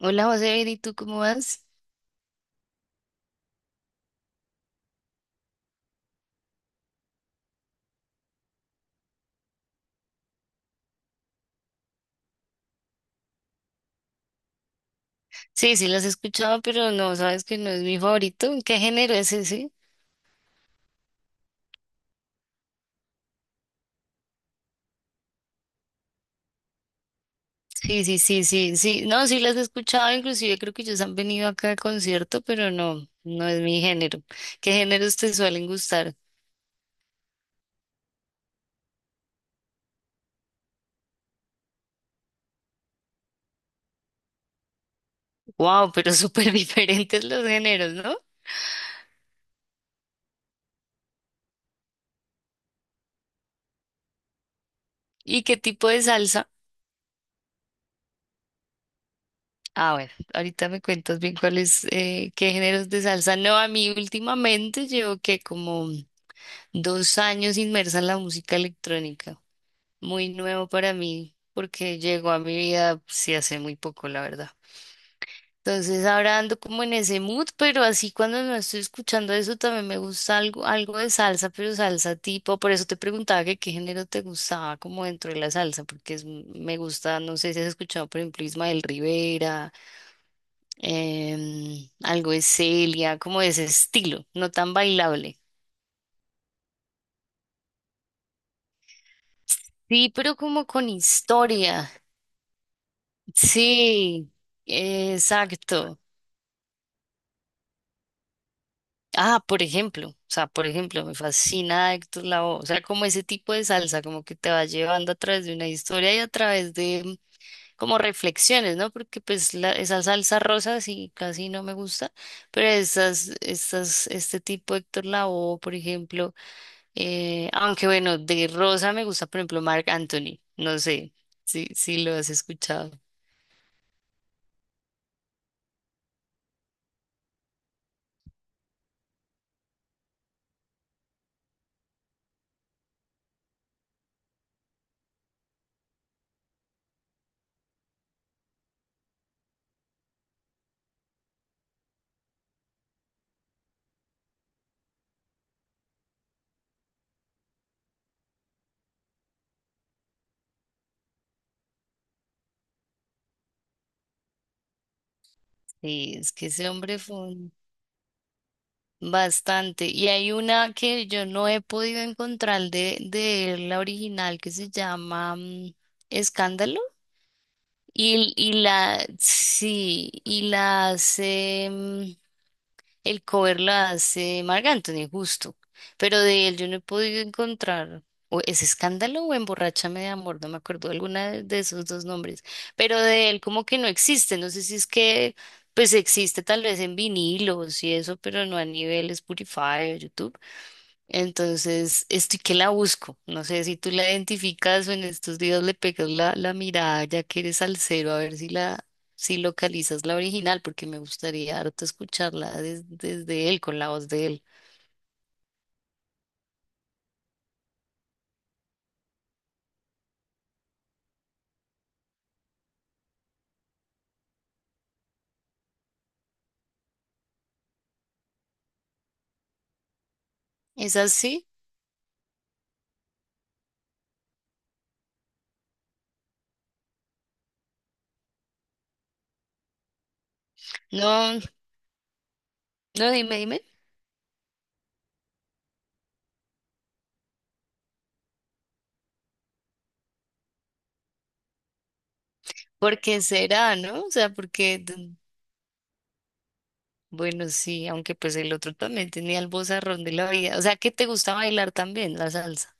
Hola José, bien, ¿y tú cómo vas? Sí, las he escuchado, pero no, sabes que no es mi favorito. ¿Qué género es ese? Sí. No, sí las he escuchado, inclusive creo que ellos han venido acá al concierto, pero no es mi género. ¿Qué géneros te suelen gustar? Wow, pero súper diferentes los géneros, ¿no? ¿Y qué tipo de salsa? Ah, bueno, ahorita me cuentas bien cuáles, qué géneros de salsa. No, a mí últimamente llevo que como 2 años inmersa en la música electrónica. Muy nuevo para mí porque llegó a mi vida pues, sí hace muy poco, la verdad. Entonces ahora ando como en ese mood, pero así cuando no estoy escuchando eso también me gusta algo, algo de salsa, pero salsa tipo, por eso te preguntaba que qué género te gustaba como dentro de la salsa, porque me gusta, no sé si has escuchado por ejemplo Ismael Rivera, algo de Celia, como de ese estilo, no tan bailable. Sí, pero como con historia. Sí, exacto. Ah, por ejemplo, o sea, por ejemplo, me fascina Héctor Lavoe, o sea, como ese tipo de salsa, como que te va llevando a través de una historia y a través de como reflexiones, ¿no? Porque pues esa salsa rosa sí casi no me gusta, pero esas, estas, este tipo de Héctor Lavoe, por ejemplo, aunque bueno, de rosa me gusta, por ejemplo, Marc Anthony, no sé si lo has escuchado. Sí, es que ese hombre fue un… Bastante. Y hay una que yo no he podido encontrar de él, la original que se llama Escándalo. Y la hace, el cover la hace Marc Anthony, justo. Pero de él yo no he podido encontrar. O es Escándalo o Emborráchame de Amor, no me acuerdo alguna de esos dos nombres. Pero de él como que no existe. No sé si es que, pues existe tal vez en vinilos y eso, pero no a nivel Spotify o YouTube. Entonces, estoy que la busco. No sé si tú la identificas o en estos días le pegas la mirada ya que eres salsero, a ver si localizas la original, porque me gustaría harto escucharla desde él, con la voz de él. ¿Es así? No, no, dime, dime. ¿Por qué será, no? O sea, porque, bueno, sí, aunque pues el otro también tenía el vozarrón de la vida. O sea, que te gusta bailar también la salsa.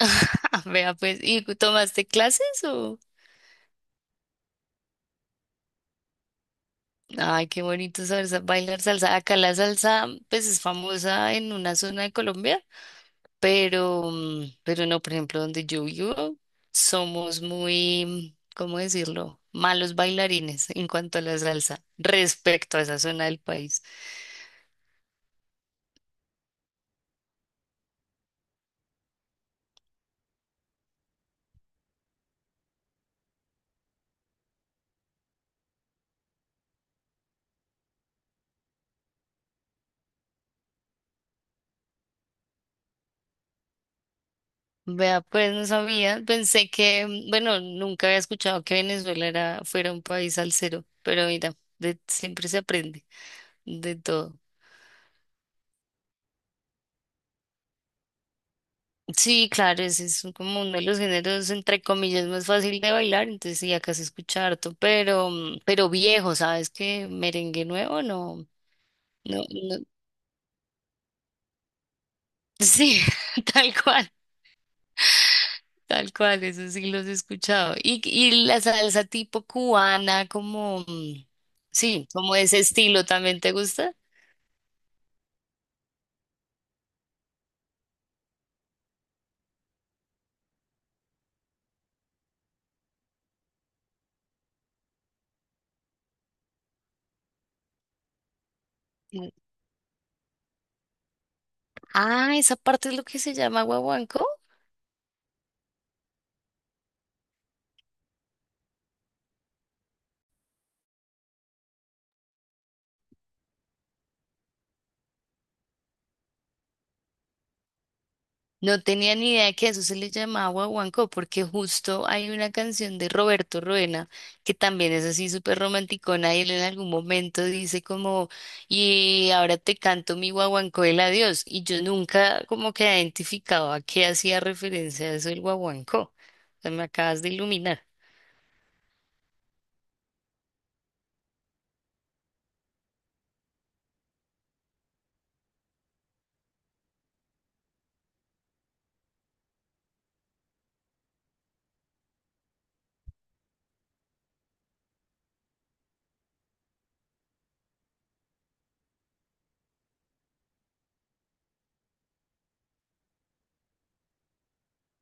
Vea, pues, ¿y tomaste clases o? Ay, qué bonito salsa, bailar salsa. Acá la salsa, pues es famosa en una zona de Colombia, pero, pero no, por ejemplo, donde yo vivo, somos muy, ¿cómo decirlo? Malos bailarines en cuanto a la salsa, respecto a esa zona del país. Vea, pues no sabía, pensé que, bueno, nunca había escuchado que Venezuela era, fuera un país salsero, pero mira, siempre se aprende de todo. Sí, claro, ese es como uno de los géneros, entre comillas, más fácil de bailar, entonces sí, acá se escucha harto, pero, pero viejo, ¿sabes qué? Merengue nuevo, no, sí, tal cual, tal cual, eso sí los he escuchado. Y la salsa tipo cubana, como, sí, como ese estilo, ¿también te gusta? Mm. Ah, esa parte es lo que se llama guaguancó. No tenía ni idea que a eso se le llamaba guaguancó, porque justo hay una canción de Roberto Ruena que también es así súper romanticona y él en algún momento dice como, y ahora te canto mi guaguancó el adiós. Y yo nunca como que identificaba a qué hacía referencia a eso el guaguancó. O sea, me acabas de iluminar.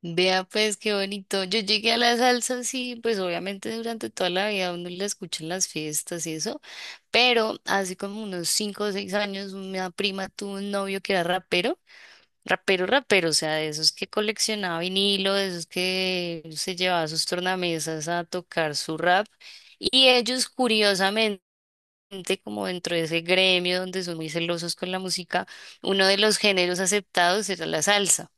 Vea pues qué bonito. Yo llegué a la salsa, sí, pues obviamente durante toda la vida uno la escucha en las fiestas y eso. Pero hace como unos 5 o 6 años, una prima tuvo un novio que era rapero, o sea, de esos que coleccionaba vinilo, de esos que se llevaba sus tornamesas a tocar su rap. Y ellos, curiosamente, como dentro de ese gremio donde son muy celosos con la música, uno de los géneros aceptados era la salsa.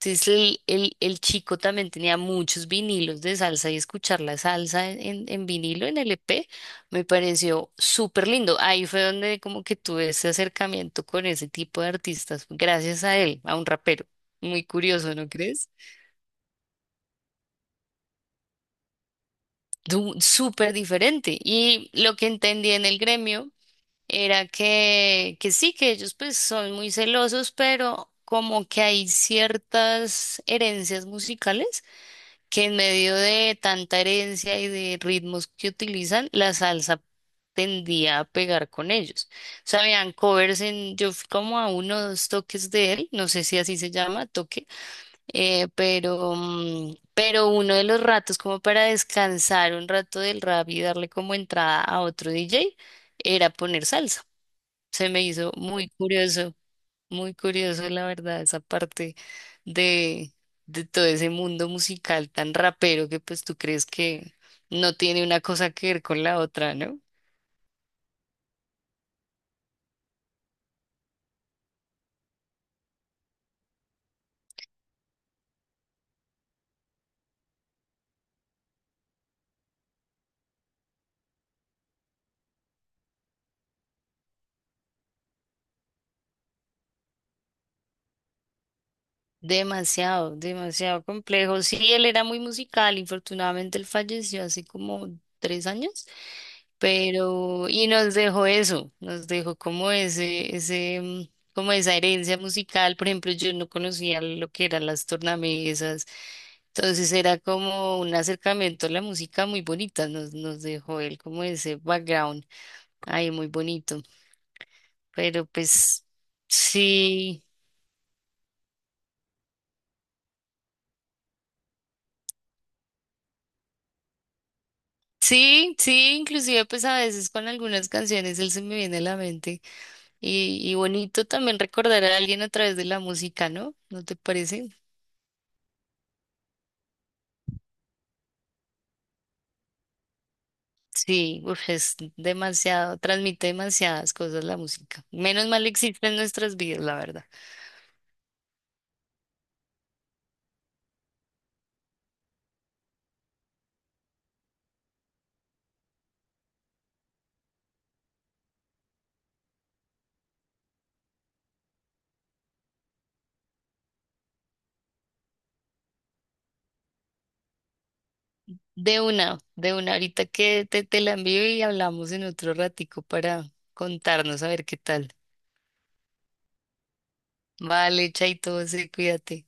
Entonces el chico también tenía muchos vinilos de salsa y escuchar la salsa en vinilo, en LP, me pareció súper lindo. Ahí fue donde como que tuve ese acercamiento con ese tipo de artistas, gracias a él, a un rapero. Muy curioso, ¿no crees? Súper diferente. Y lo que entendí en el gremio era que sí, que ellos pues son muy celosos, pero como que hay ciertas herencias musicales que en medio de tanta herencia y de ritmos que utilizan, la salsa tendía a pegar con ellos. O sea, habían covers en, yo fui como a uno o dos toques de él, no sé si así se llama, toque, pero, pero uno de los ratos como para descansar un rato del rap y darle como entrada a otro DJ era poner salsa. Se me hizo muy curioso. Muy curioso, la verdad, esa parte de, de todo ese mundo musical tan rapero que pues tú crees que no tiene una cosa que ver con la otra, ¿no? Demasiado, demasiado complejo. Sí, él era muy musical, infortunadamente él falleció hace como 3 años, pero y nos dejó eso, nos dejó como ese, ese, como esa herencia musical. Por ejemplo, yo no conocía lo que eran las tornamesas, entonces era como un acercamiento a la música muy bonita, nos dejó él como ese background ahí muy bonito, pero pues sí. Sí, inclusive pues a veces con algunas canciones él se me viene a la mente. Y bonito también recordar a alguien a través de la música, ¿no? ¿No te parece? Sí, uf, es demasiado, transmite demasiadas cosas la música. Menos mal existe en nuestras vidas, la verdad. De una, ahorita que te la envío y hablamos en otro ratico para contarnos a ver qué tal. Vale, chaito, sí, cuídate.